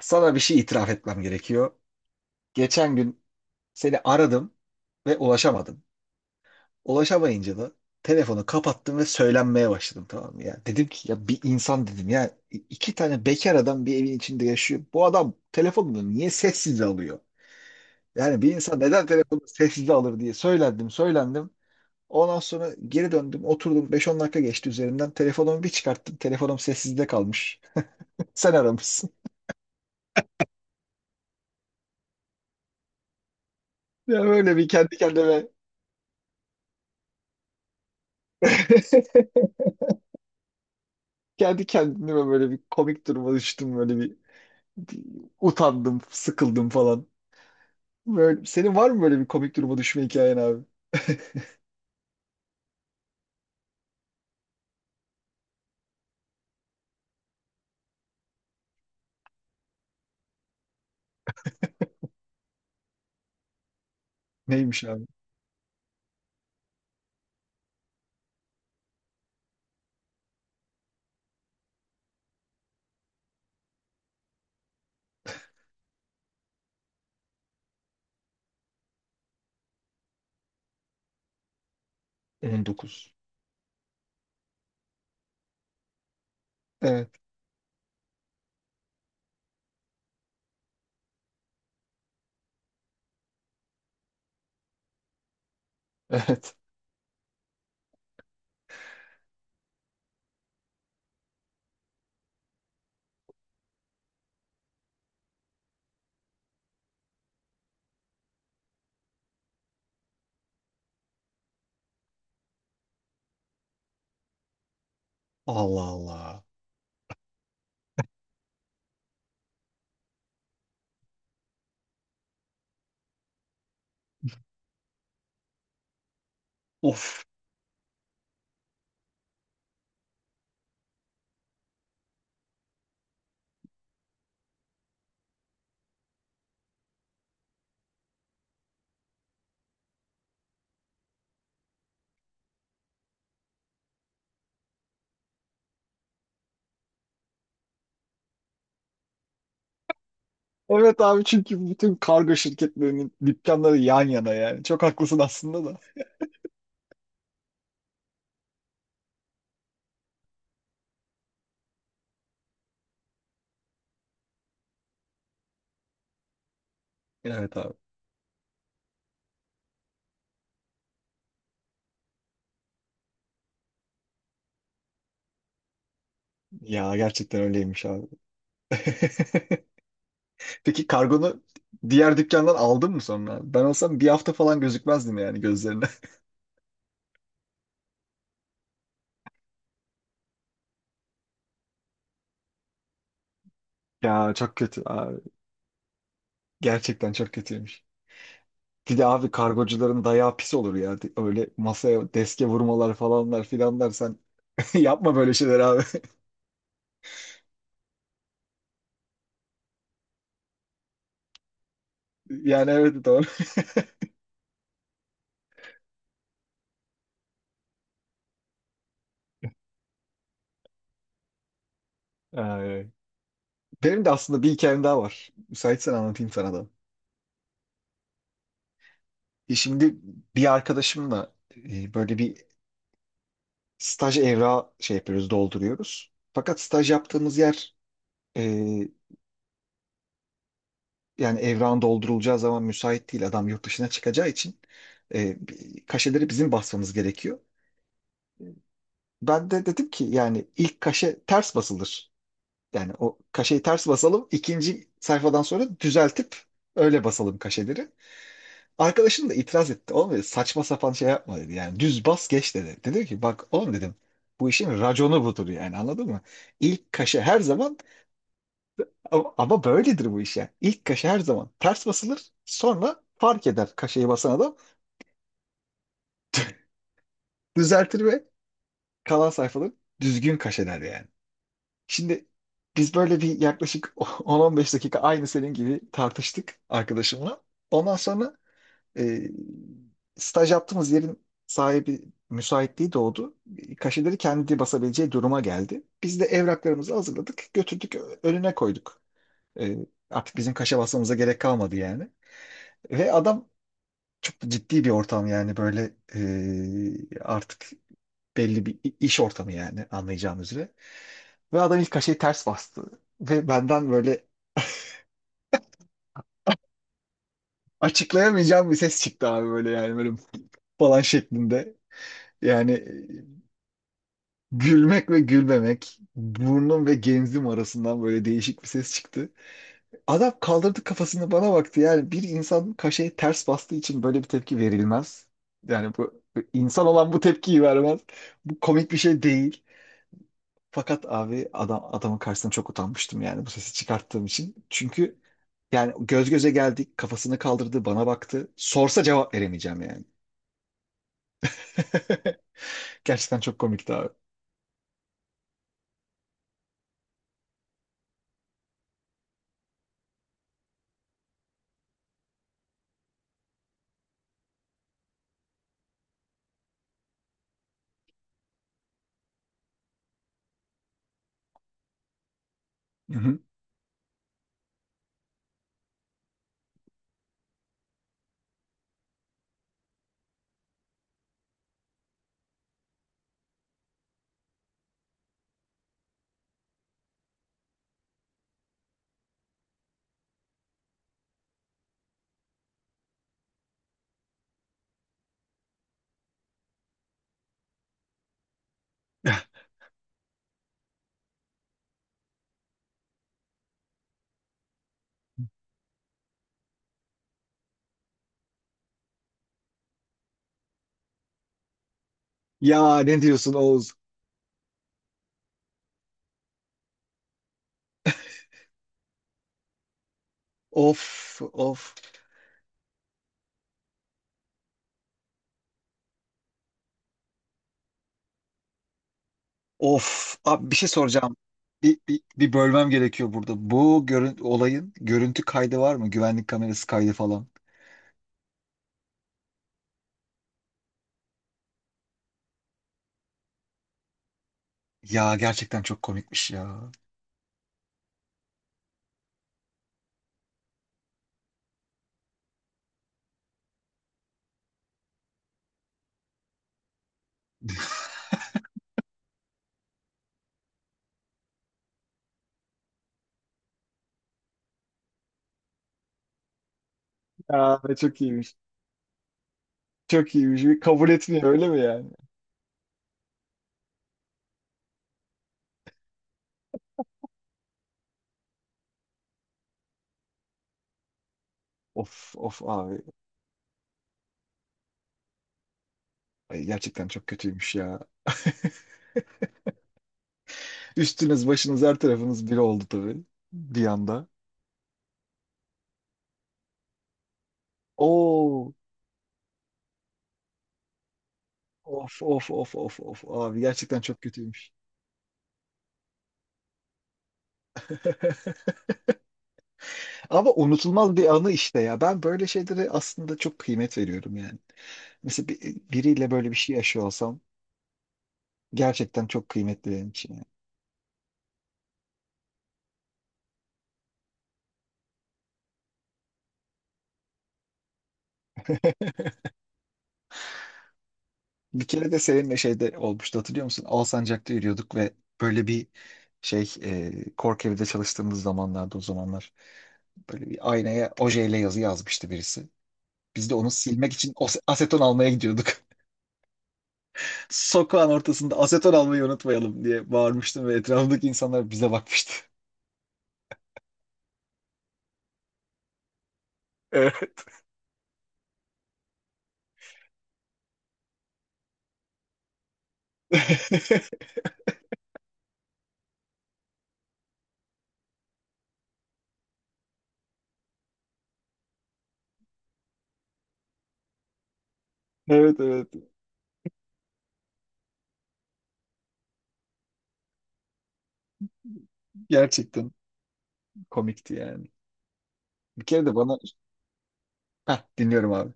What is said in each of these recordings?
Sana bir şey itiraf etmem gerekiyor. Geçen gün seni aradım ve ulaşamadım. Ulaşamayınca da telefonu kapattım ve söylenmeye başladım, tamam mı? Ya, dedim ki ya bir insan, dedim ya iki tane bekar adam bir evin içinde yaşıyor. Bu adam telefonunu niye sessize alıyor? Yani bir insan neden telefonunu sessize alır diye söylendim söylendim. Ondan sonra geri döndüm, oturdum. Beş on dakika geçti üzerinden. Telefonumu bir çıkarttım, telefonum sessizde kalmış. Sen aramışsın. Ya böyle bir kendi kendime kendi kendime böyle bir komik duruma düştüm, böyle bir utandım, sıkıldım falan. Böyle, senin var mı böyle bir komik duruma düşme hikayen abi? Neymiş abi? 19. Evet. Evet. Allah Allah. Of. Evet abi, çünkü bütün kargo şirketlerinin dükkanları yan yana yani. Çok haklısın aslında da. Evet abi. Ya gerçekten öyleymiş abi. Peki kargonu diğer dükkandan aldın mı sonra? Ben olsam bir hafta falan gözükmezdim yani gözlerine. Ya çok kötü. Gerçekten çok kötüymüş. Bir de abi kargocuların dayağı pis olur ya. Öyle masaya deske vurmalar falanlar filanlar sen yapma böyle şeyler abi. Yani evet, doğru. Ay. Benim de aslında bir hikayem daha var. Müsaitsen anlatayım sana da. Şimdi bir arkadaşımla böyle bir staj evrağı şey yapıyoruz, dolduruyoruz. Fakat staj yaptığımız yer, e, yani evrağın doldurulacağı zaman müsait değil. Adam yurt dışına çıkacağı için kaşeleri bizim basmamız gerekiyor. Ben de dedim ki yani ilk kaşe ters basılır. Yani o kaşeyi ters basalım, ikinci sayfadan sonra düzeltip öyle basalım kaşeleri. Arkadaşım da itiraz etti. Oğlum, dedi, saçma sapan şey yapma, dedi. Yani düz bas geç, dedi. Dedim ki bak oğlum, dedim, bu işin raconu budur yani, anladın mı? İlk kaşe her zaman, ama, ama böyledir bu iş yani. İlk kaşe her zaman ters basılır. Sonra fark eder kaşeyi basan adam, düzeltir ve kalan sayfaları düzgün kaşeler yani. Şimdi biz böyle bir yaklaşık 10-15 dakika aynı senin gibi tartıştık arkadaşımla. Ondan sonra e, staj yaptığımız yerin sahibi müsaitliği doğdu. Kaşeleri kendi basabileceği duruma geldi. Biz de evraklarımızı hazırladık, götürdük, önüne koyduk. E, Artık bizim kaşe basmamıza gerek kalmadı yani. Ve adam, çok da ciddi bir ortam yani böyle, artık belli bir iş ortamı yani, anlayacağınız üzere. Ve adam ilk kaşeyi ters bastı. Ve benden böyle açıklayamayacağım bir ses çıktı abi, böyle yani böyle falan şeklinde. Yani gülmek ve gülmemek burnum ve genzim arasından böyle değişik bir ses çıktı. Adam kaldırdı kafasını, bana baktı. Yani bir insan kaşeyi ters bastığı için böyle bir tepki verilmez. Yani bu insan olan bu tepkiyi vermez. Bu komik bir şey değil. Fakat abi adamın karşısına çok utanmıştım yani bu sesi çıkarttığım için. Çünkü yani göz göze geldik, kafasını kaldırdı, bana baktı. Sorsa cevap veremeyeceğim yani. Gerçekten çok komikti abi. Hı hı. Ya ne diyorsun Oğuz? Of of of. Abi bir şey soracağım. Bir bölmem gerekiyor burada. Bu görün, olayın görüntü kaydı var mı? Güvenlik kamerası kaydı falan. Ya gerçekten çok komikmiş ya. Ya çok iyiymiş. Çok iyiymiş. Bir kabul etmiyor öyle mi yani? Of of abi. Ay, gerçekten çok kötüymüş ya. Üstünüz başınız her tarafınız bir oldu tabii. Bir anda. Oo. Of of of of of abi, gerçekten çok kötüymüş. Ama unutulmaz bir anı işte ya. Ben böyle şeylere aslında çok kıymet veriyorum yani. Mesela biriyle böyle bir şey yaşıyor olsam gerçekten çok kıymetli benim için. Yani. Bir kere de seninle şeyde olmuştu, hatırlıyor musun? Alsancak'ta yürüyorduk ve böyle bir şey, Kork evide çalıştığımız zamanlarda, o zamanlar. Böyle bir aynaya ojeyle yazı yazmıştı birisi. Biz de onu silmek için aseton almaya gidiyorduk. Sokağın ortasında aseton almayı unutmayalım diye bağırmıştım ve etrafındaki insanlar bize bakmıştı. Evet. Evet evet. Gerçekten komikti yani. Bir kere de bana... Heh, dinliyorum abi.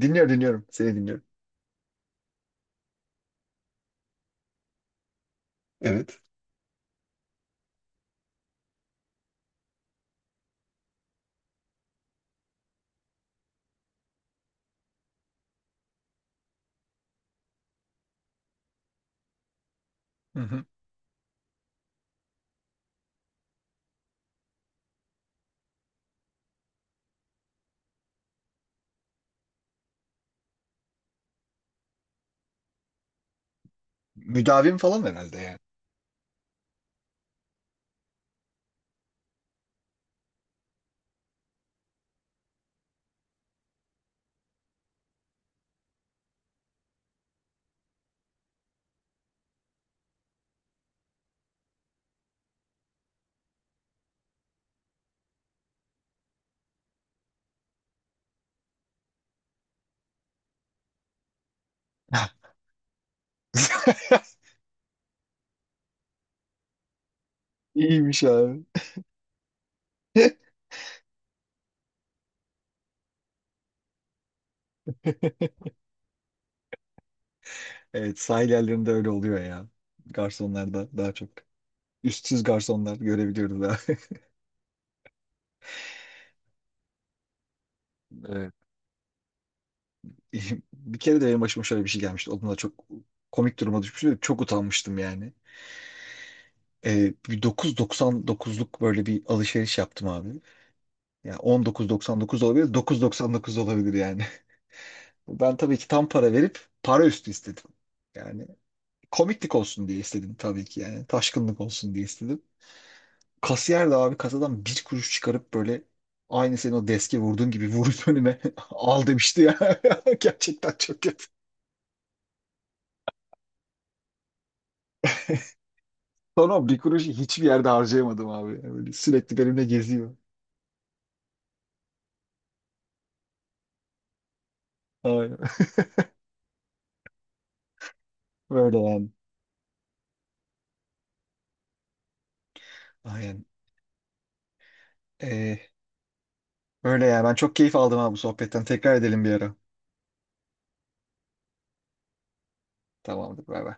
Dinliyorum. Seni dinliyorum. Evet. Hı hı. Müdavim falan herhalde yani. İyiymiş abi. Evet, sahil yerlerinde öyle oluyor ya. Garsonlarda daha çok. Üstsüz garsonlar görebiliyoruz ha. Evet. Bir kere de benim başıma şöyle bir şey gelmişti. O da çok komik duruma düşmüştüm. Çok utanmıştım yani. Bir 9,99'luk böyle bir alışveriş yaptım abi. Yani 19,99 olabilir, 9,99 olabilir yani. Ben tabii ki tam para verip para üstü istedim. Yani komiklik olsun diye istedim tabii ki yani. Taşkınlık olsun diye istedim. Kasiyer de abi kasadan bir kuruş çıkarıp böyle, aynı senin o deske vurduğun gibi vurup önüme al demişti ya. Gerçekten çok kötü. Sonra bir kuruşu hiçbir yerde harcayamadım abi. Yani böyle sürekli benimle geziyor. Aynen. Böyle yani. Aynen. Ee, Öyle yani. Ben çok keyif aldım abi bu sohbetten. Tekrar edelim bir ara. Tamamdır. Bay bay.